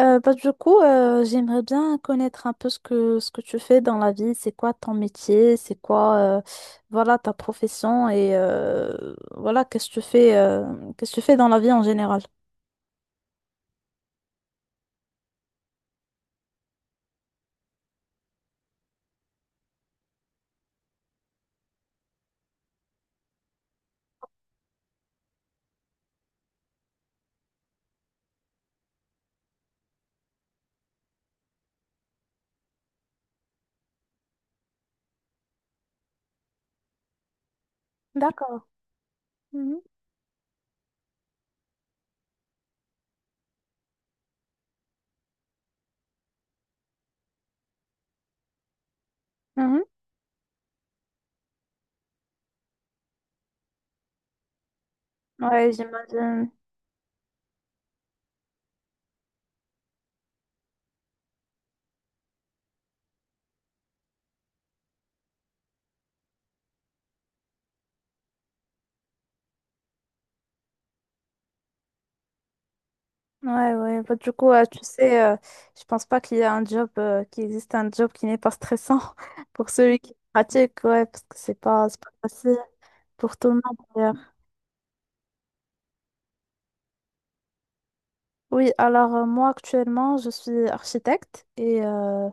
J'aimerais bien connaître un peu ce que tu fais dans la vie, c'est quoi ton métier, c'est quoi voilà, ta profession et voilà, qu'est-ce que tu fais, qu'est-ce que tu fais dans la vie en général. D'accord. Mhm. Mhm. Ouais, j'imagine. Ouais, ouais. Tu sais, je pense pas qu'il y a un job, qui existe un job qui n'est pas stressant pour celui qui pratique, ouais, parce que c'est pas facile pour tout le monde. Oui, alors moi actuellement je suis architecte et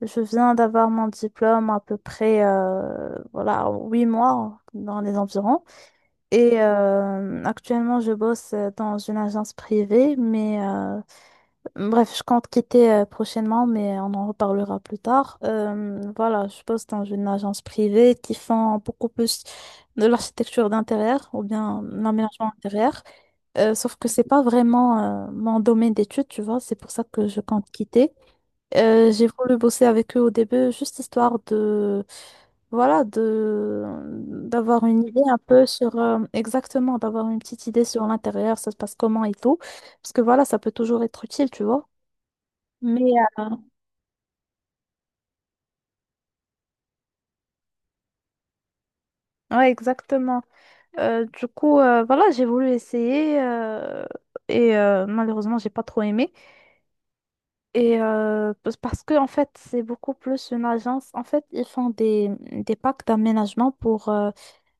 je viens d'avoir mon diplôme à peu près voilà 8 mois dans les environs et actuellement je bosse dans une agence privée mais bref je compte quitter prochainement mais on en reparlera plus tard. Voilà je bosse dans une agence privée qui font beaucoup plus de l'architecture d'intérieur ou bien l'aménagement intérieur. Sauf que c'est pas vraiment mon domaine d'études, tu vois, c'est pour ça que je compte quitter. J'ai voulu bosser avec eux au début, juste histoire de, voilà, de, d'avoir une idée un peu sur, exactement, d'avoir une petite idée sur l'intérieur, ça se passe comment et tout. Parce que voilà, ça peut toujours être utile, tu vois. Mais, euh, ouais, exactement. Voilà, j'ai voulu essayer et malheureusement, j'ai pas trop aimé. Parce que en fait, c'est beaucoup plus une agence. En fait, ils font des packs d'aménagement pour,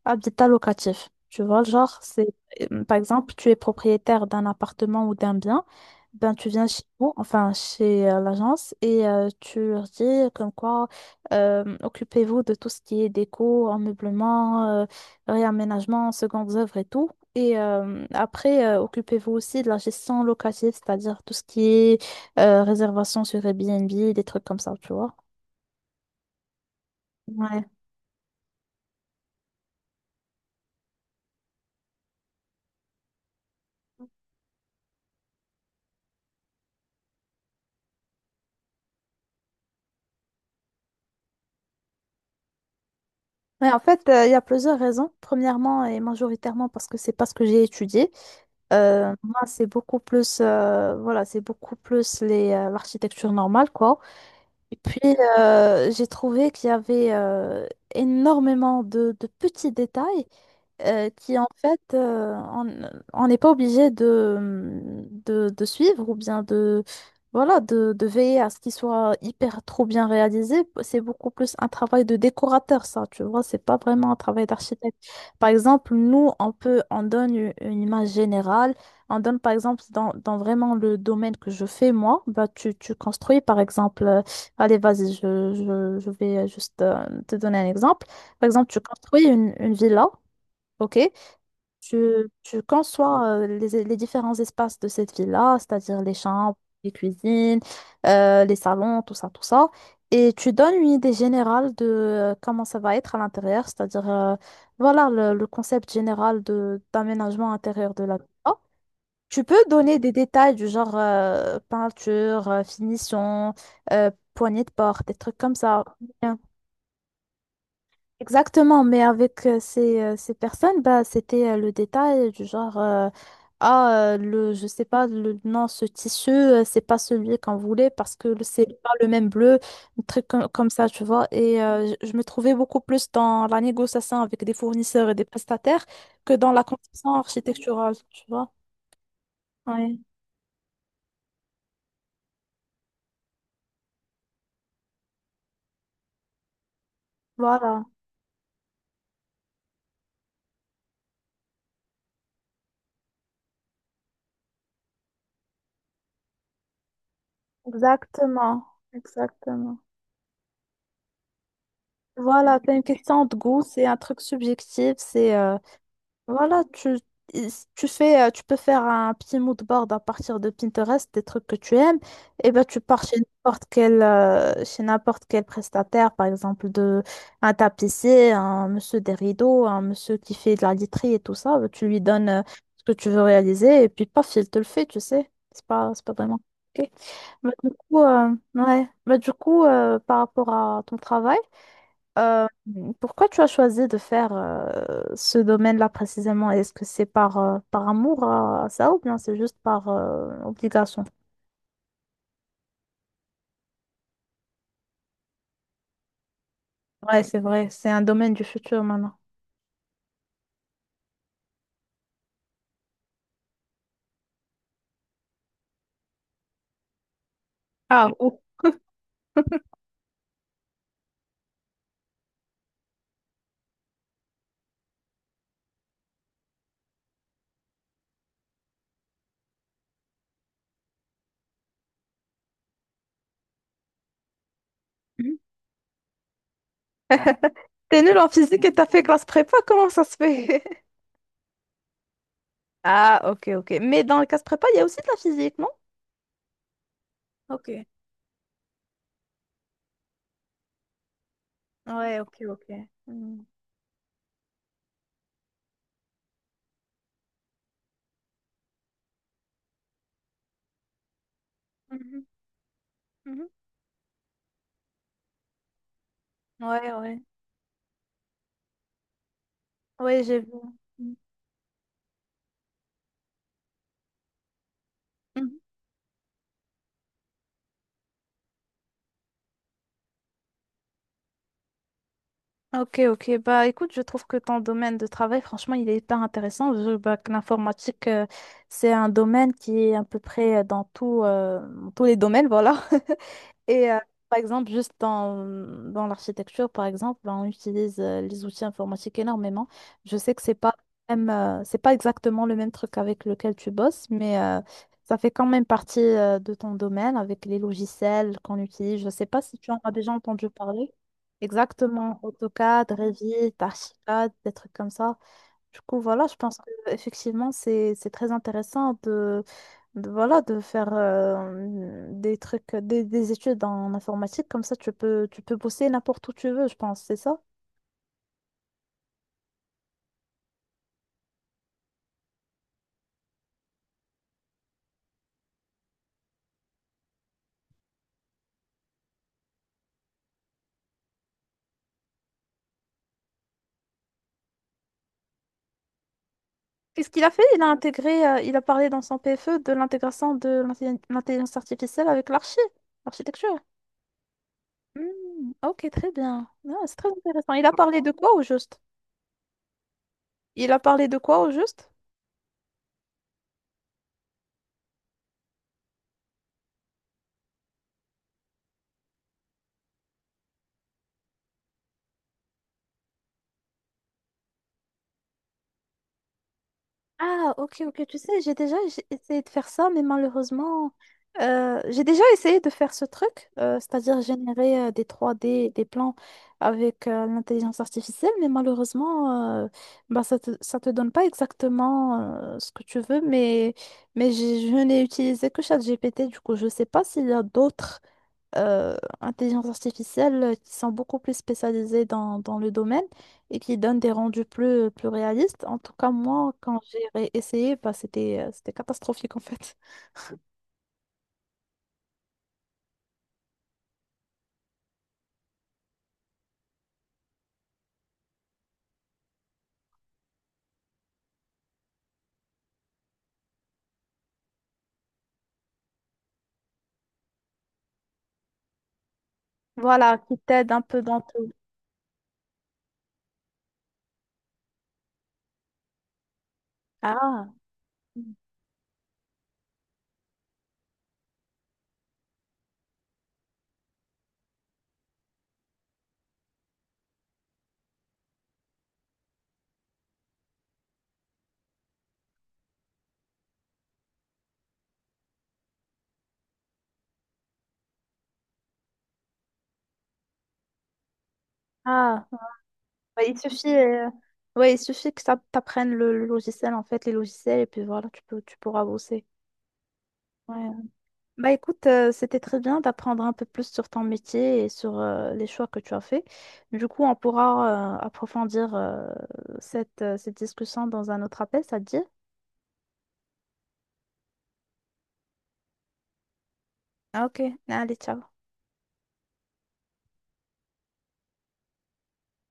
habitat locatif. Tu vois, genre, c'est par exemple, tu es propriétaire d'un appartement ou d'un bien, ben tu viens chez nous, enfin chez l'agence, et tu leur dis comme quoi occupez-vous de tout ce qui est déco, ameublement, réaménagement, secondes œuvres et tout. Et après, occupez-vous aussi de la gestion locative, c'est-à-dire tout ce qui est réservation sur Airbnb, des trucs comme ça, tu vois. Ouais. Ouais, en fait, il y a plusieurs raisons. Premièrement et majoritairement parce que c'est pas ce que j'ai étudié. Moi, c'est beaucoup plus, voilà, c'est beaucoup plus les, l'architecture normale, quoi. Et puis, j'ai trouvé qu'il y avait énormément de petits détails qui en fait, on n'est pas obligé de, de suivre ou bien de, de veiller à ce qu'il soit hyper trop bien réalisé. C'est beaucoup plus un travail de décorateur, ça, tu vois, c'est pas vraiment un travail d'architecte. Par exemple, nous, on donne une image générale, on donne par exemple dans vraiment le domaine que je fais moi, bah, tu construis par exemple, allez, vas-y, je vais juste te donner un exemple. Par exemple, tu construis une villa. Ok, tu, tu conçois les différents espaces de cette ville-là, c'est-à-dire les chambres, les cuisines, les salons, tout ça, et tu donnes une idée générale de comment ça va être à l'intérieur, c'est-à-dire voilà le concept général de d'aménagement intérieur de la villa. Tu peux donner des détails du genre peinture, finition, poignée de porte, des trucs comme ça. Exactement, mais avec ces, ces personnes, bah, c'était le détail du genre, ah, le, je sais pas, le, non, ce tissu, c'est pas celui qu'on voulait parce que c'est pas le même bleu, un truc comme, ça, tu vois. Et je me trouvais beaucoup plus dans la négociation avec des fournisseurs et des prestataires que dans la conception architecturale, tu vois. Oui, voilà, exactement, exactement. Voilà, c'est une question de goût, c'est un truc subjectif, c'est... voilà, tu fais, tu peux faire un petit mood board à partir de Pinterest, des trucs que tu aimes, et ben tu pars chez n'importe quel prestataire, par exemple de un tapissier, un monsieur des rideaux, un monsieur qui fait de la literie et tout ça, ben, tu lui donnes ce que tu veux réaliser, et puis paf, il te le fait, tu sais. C'est pas vraiment compliqué. Ouais. Par rapport à ton travail, euh, pourquoi tu as choisi de faire ce domaine-là précisément? Est-ce que c'est par, par amour à, ça ou bien c'est juste par obligation? Ouais, c'est vrai, c'est un domaine du futur maintenant. Ah, oh. Mhm. T'es nul en physique et t'as fait classe prépa, comment ça se fait? Ah, ok, ok. Mais dans le classe prépa, il y a aussi de la physique, non? Ok. Ouais, ok, ok. Mm. Mhm, mhm. Ouais, ouais. Ouais, j'ai vu. Mm. Ok, ok. Bah, écoute, je trouve que ton domaine de travail, franchement, il est hyper intéressant. Bah, que l'informatique, c'est un domaine qui est à peu près dans tout, dans tous les domaines, voilà. Et euh, Par exemple, juste dans, dans l'architecture, par exemple, ben, on utilise les outils informatiques énormément. Je sais que c'est pas même, c'est pas exactement le même truc avec lequel tu bosses, mais ça fait quand même partie de ton domaine avec les logiciels qu'on utilise. Je sais pas si tu en as déjà entendu parler. Exactement, AutoCAD, Revit, Archicad, des trucs comme ça. Du coup, voilà, je pense que effectivement, c'est très intéressant de, voilà de faire des trucs des études en informatique comme ça tu peux bosser n'importe où tu veux, je pense, c'est ça? Qu'est-ce qu'il a fait? Il a intégré, il a parlé dans son PFE de l'intégration de l'intelligence artificielle avec l'archi, l'architecture. Hmm, ok, très bien. Ah, c'est très intéressant. Il a parlé de quoi au juste? Il a parlé de quoi au juste? Ah, ok, ok. Tu sais, j'ai déjà essayé de faire ça, mais malheureusement, j'ai déjà essayé de faire ce truc, c'est-à-dire générer des trois d des plans avec l'intelligence artificielle, mais malheureusement, bah, ça te donne pas exactement ce que tu veux, mais je n'ai utilisé que ChatGPT, du coup, je sais pas s'il y a d'autres euh, intelligence artificielle qui sont beaucoup plus spécialisées dans, dans le domaine et qui donnent des rendus plus, plus réalistes. En tout cas, moi, quand j'ai essayé, bah, c'était, c'était catastrophique en fait. Voilà, qui t'aide un peu dans tout. Ah, ah. Ouais, il suffit, euh, ouais, il suffit que ça t'apprenne le logiciel en fait, les logiciels, et puis voilà, tu peux, tu pourras bosser. Ouais. Bah écoute, c'était très bien d'apprendre un peu plus sur ton métier et sur les choix que tu as faits. Du coup, on pourra approfondir cette, cette discussion dans un autre appel, ça te dit? Ah, ok, allez, ciao.